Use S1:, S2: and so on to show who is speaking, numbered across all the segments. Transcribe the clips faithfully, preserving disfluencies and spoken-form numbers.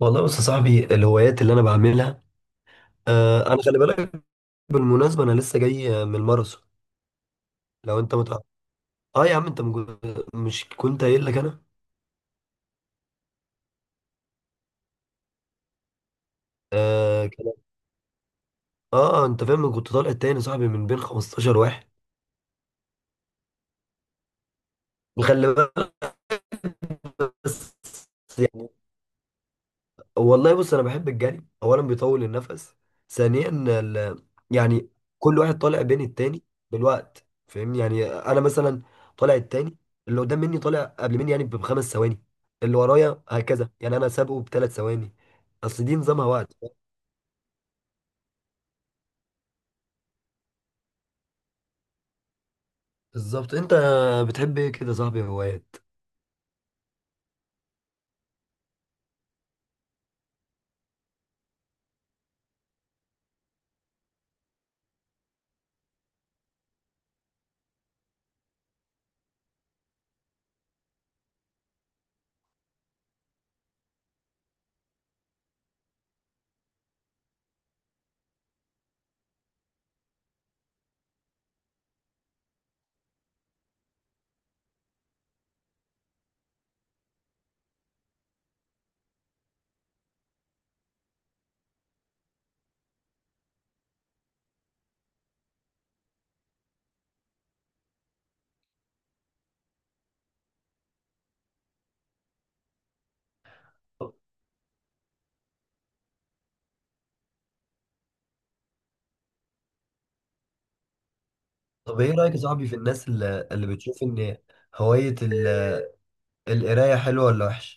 S1: والله بص يا صاحبي الهوايات اللي انا بعملها. آه انا خلي بالك. بالمناسبه انا لسه جاي آه، من الماراثون. لو انت متع... اه يا عم انت مج... مش كنت قايل لك انا آه, كان- اه انت فاهم، كنت طالع التاني يا صاحبي من بين خمستاشر واحد. وخلي بالك. بس. يعني والله بص، انا بحب الجري. اولا بيطول النفس. ثانيا ال... يعني كل واحد طالع بين التاني بالوقت، فاهمني؟ يعني انا مثلا طالع التاني. اللي قدام مني طالع قبل مني يعني بخمس ثواني، اللي ورايا هكذا يعني انا سابقه بثلاث ثواني. اصل دي نظامها وقت. بالظبط. انت بتحب ايه كده يا صاحبي، هوايات؟ طب ايه رايك يا صاحبي في الناس اللي, اللي بتشوف ان هوايه ال... القرايه حلوه ولا وحشه؟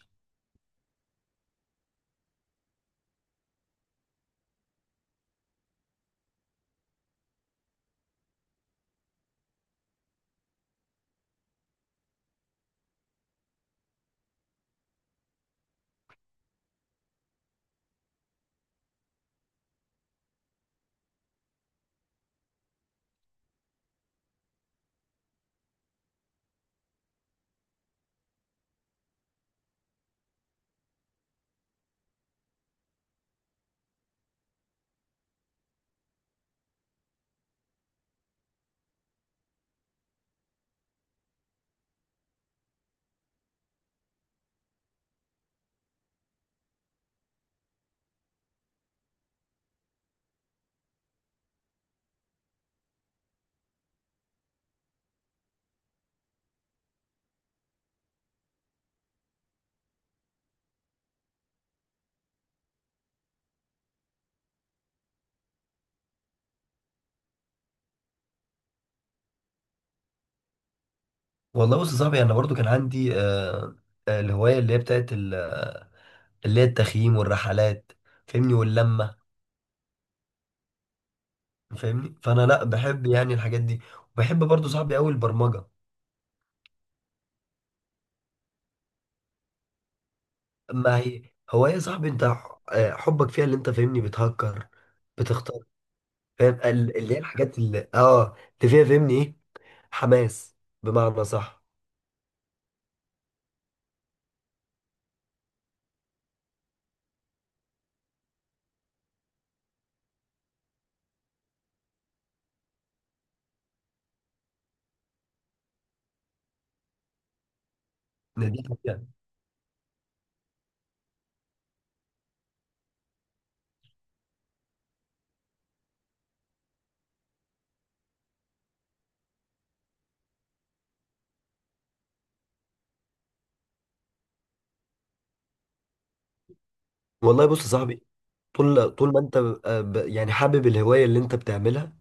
S1: والله بص يا صاحبي، انا برضو كان عندي آه، آه، الهوايه اللي هي بتاعت ال- آه، اللي هي التخييم والرحلات، فاهمني؟ واللمه، فاهمني؟ فانا لا بحب يعني الحاجات دي. وبحب برضو صاحبي قوي البرمجه. ما هي هوايه صاحبي، انت ح- آه، حبك فيها اللي انت فاهمني، بتهكر، بتختار، فاهم ال- اللي هي الحاجات اللي اه اللي فيها، فاهمني؟ ايه، حماس بمعنى صح. إن دي حاجة. والله بص يا صاحبي، طول طول ما انت آه، ب- يعني حابب الهوايه اللي انت بتعملها،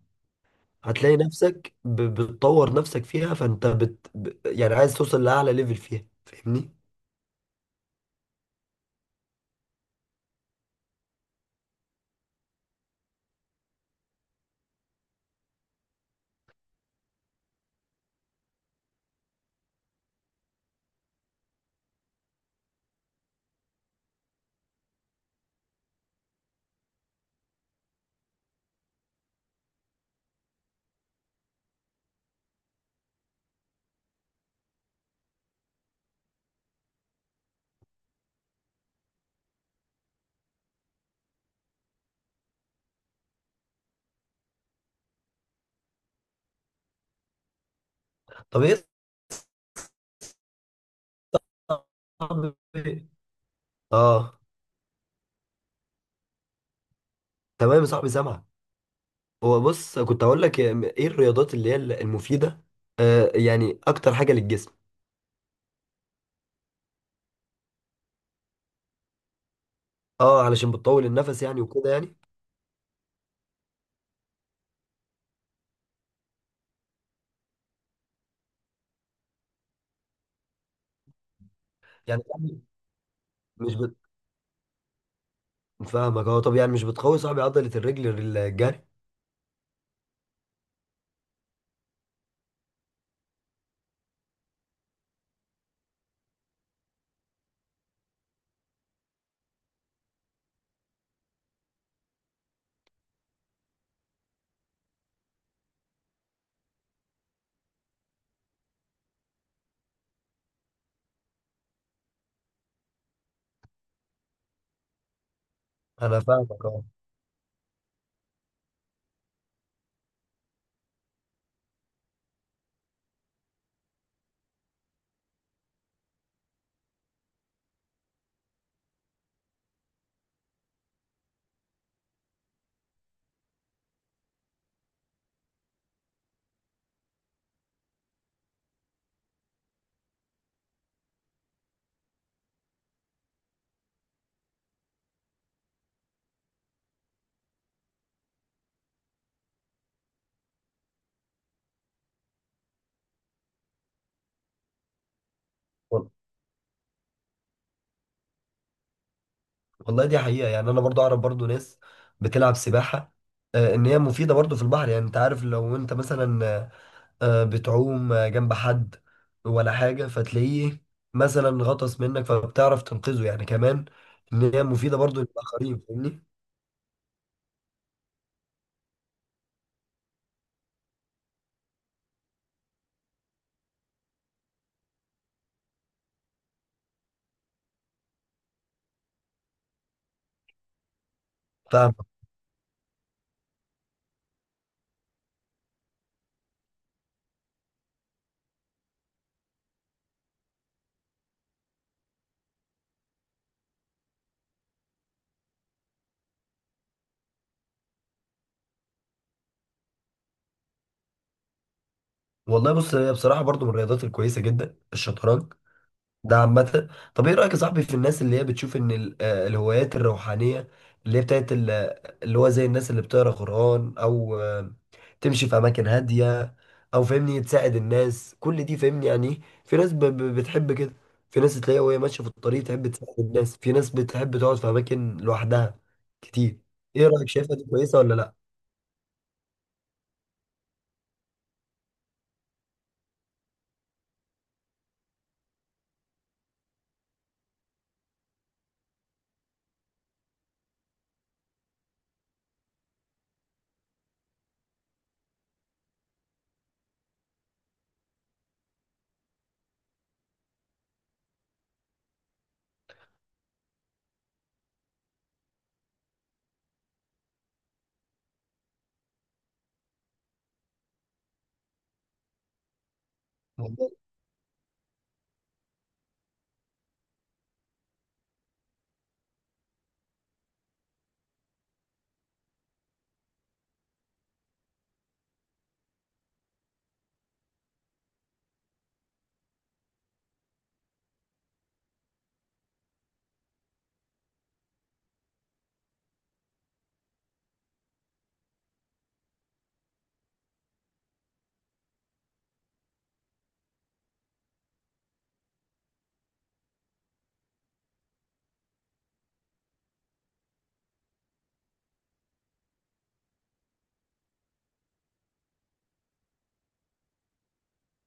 S1: هتلاقي نفسك ب- بتطور نفسك فيها. فانت بت... ب- يعني عايز توصل لاعلى ليفل فيها، فاهمني؟ طب ايه يا صاحبي؟ اه تمام يا صاحبي، سامعك. هو بص، كنت هقول لك ايه الرياضات اللي هي المفيده؟ آه يعني اكتر حاجه للجسم. اه علشان بتطول النفس يعني، وكده يعني. يعني يعني مش بت... فاهمك. اه طب، يعني مش بتقوي صاحبي عضله الرجل الجري؟ انا فاهمك. اه والله دي حقيقة. يعني أنا برضو أعرف برضو ناس بتلعب سباحة. آه، إن هي مفيدة برضو في البحر. يعني أنت عارف، لو أنت مثلا آه، آه، بتعوم آه، جنب حد ولا حاجة، فتلاقيه مثلا غطس منك فبتعرف تنقذه يعني كمان. إن هي مفيدة برضو للآخرين، فاهمني؟ فاهم. والله بص، هي بصراحة برضو من الرياضات الكويسة جدا الشطرنج ده، عامة. طب ايه رأيك يا صاحبي في الناس اللي هي بتشوف ان ال- آه، الهوايات الروحانية اللي هي بتاعت ال- آه، اللي هو زي الناس اللي بتقرا قرآن، او آه، تمشي في اماكن هادية، او فاهمني تساعد الناس، كل دي فاهمني يعني. ايه، في ناس ب- ب- بتحب كده. في ناس تلاقيها وهي ماشية في الطريق تحب تساعد الناس، في ناس بتحب تقعد في اماكن لوحدها كتير. ايه رأيك؟ شايفها دي كويسة ولا لا؟ والله.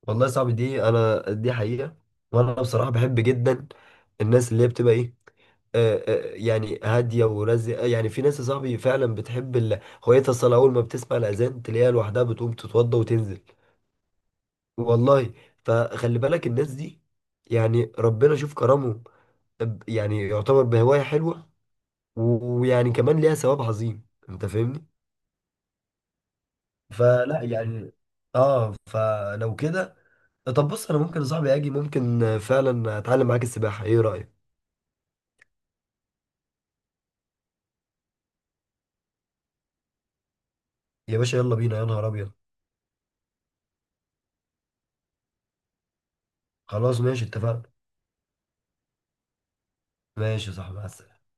S1: والله يا صاحبي، دي انا دي حقيقة. وانا بصراحة بحب جدا الناس اللي هي بتبقى ايه، آه، آه، يعني هادية ورزقة. يعني في ناس يا صاحبي فعلا بتحب ال... هويتها الصلاة، أول ما بتسمع الأذان تلاقيها لوحدها بتقوم تتوضى وتنزل. والله. فخلي بالك الناس دي، يعني ربنا شوف كرمه، ب- يعني يعتبر بهواية حلوة، و- ويعني كمان ليها ثواب عظيم، أنت فاهمني؟ فلا يعني، آه فلو كده، طب بص، أنا ممكن يا صاحبي أجي، ممكن فعلا أتعلم معاك السباحة، إيه رأيك؟ يا باشا يلا بينا، يا نهار أبيض. خلاص ماشي، اتفقنا. ماشي يا صاحبي، مع السلامة.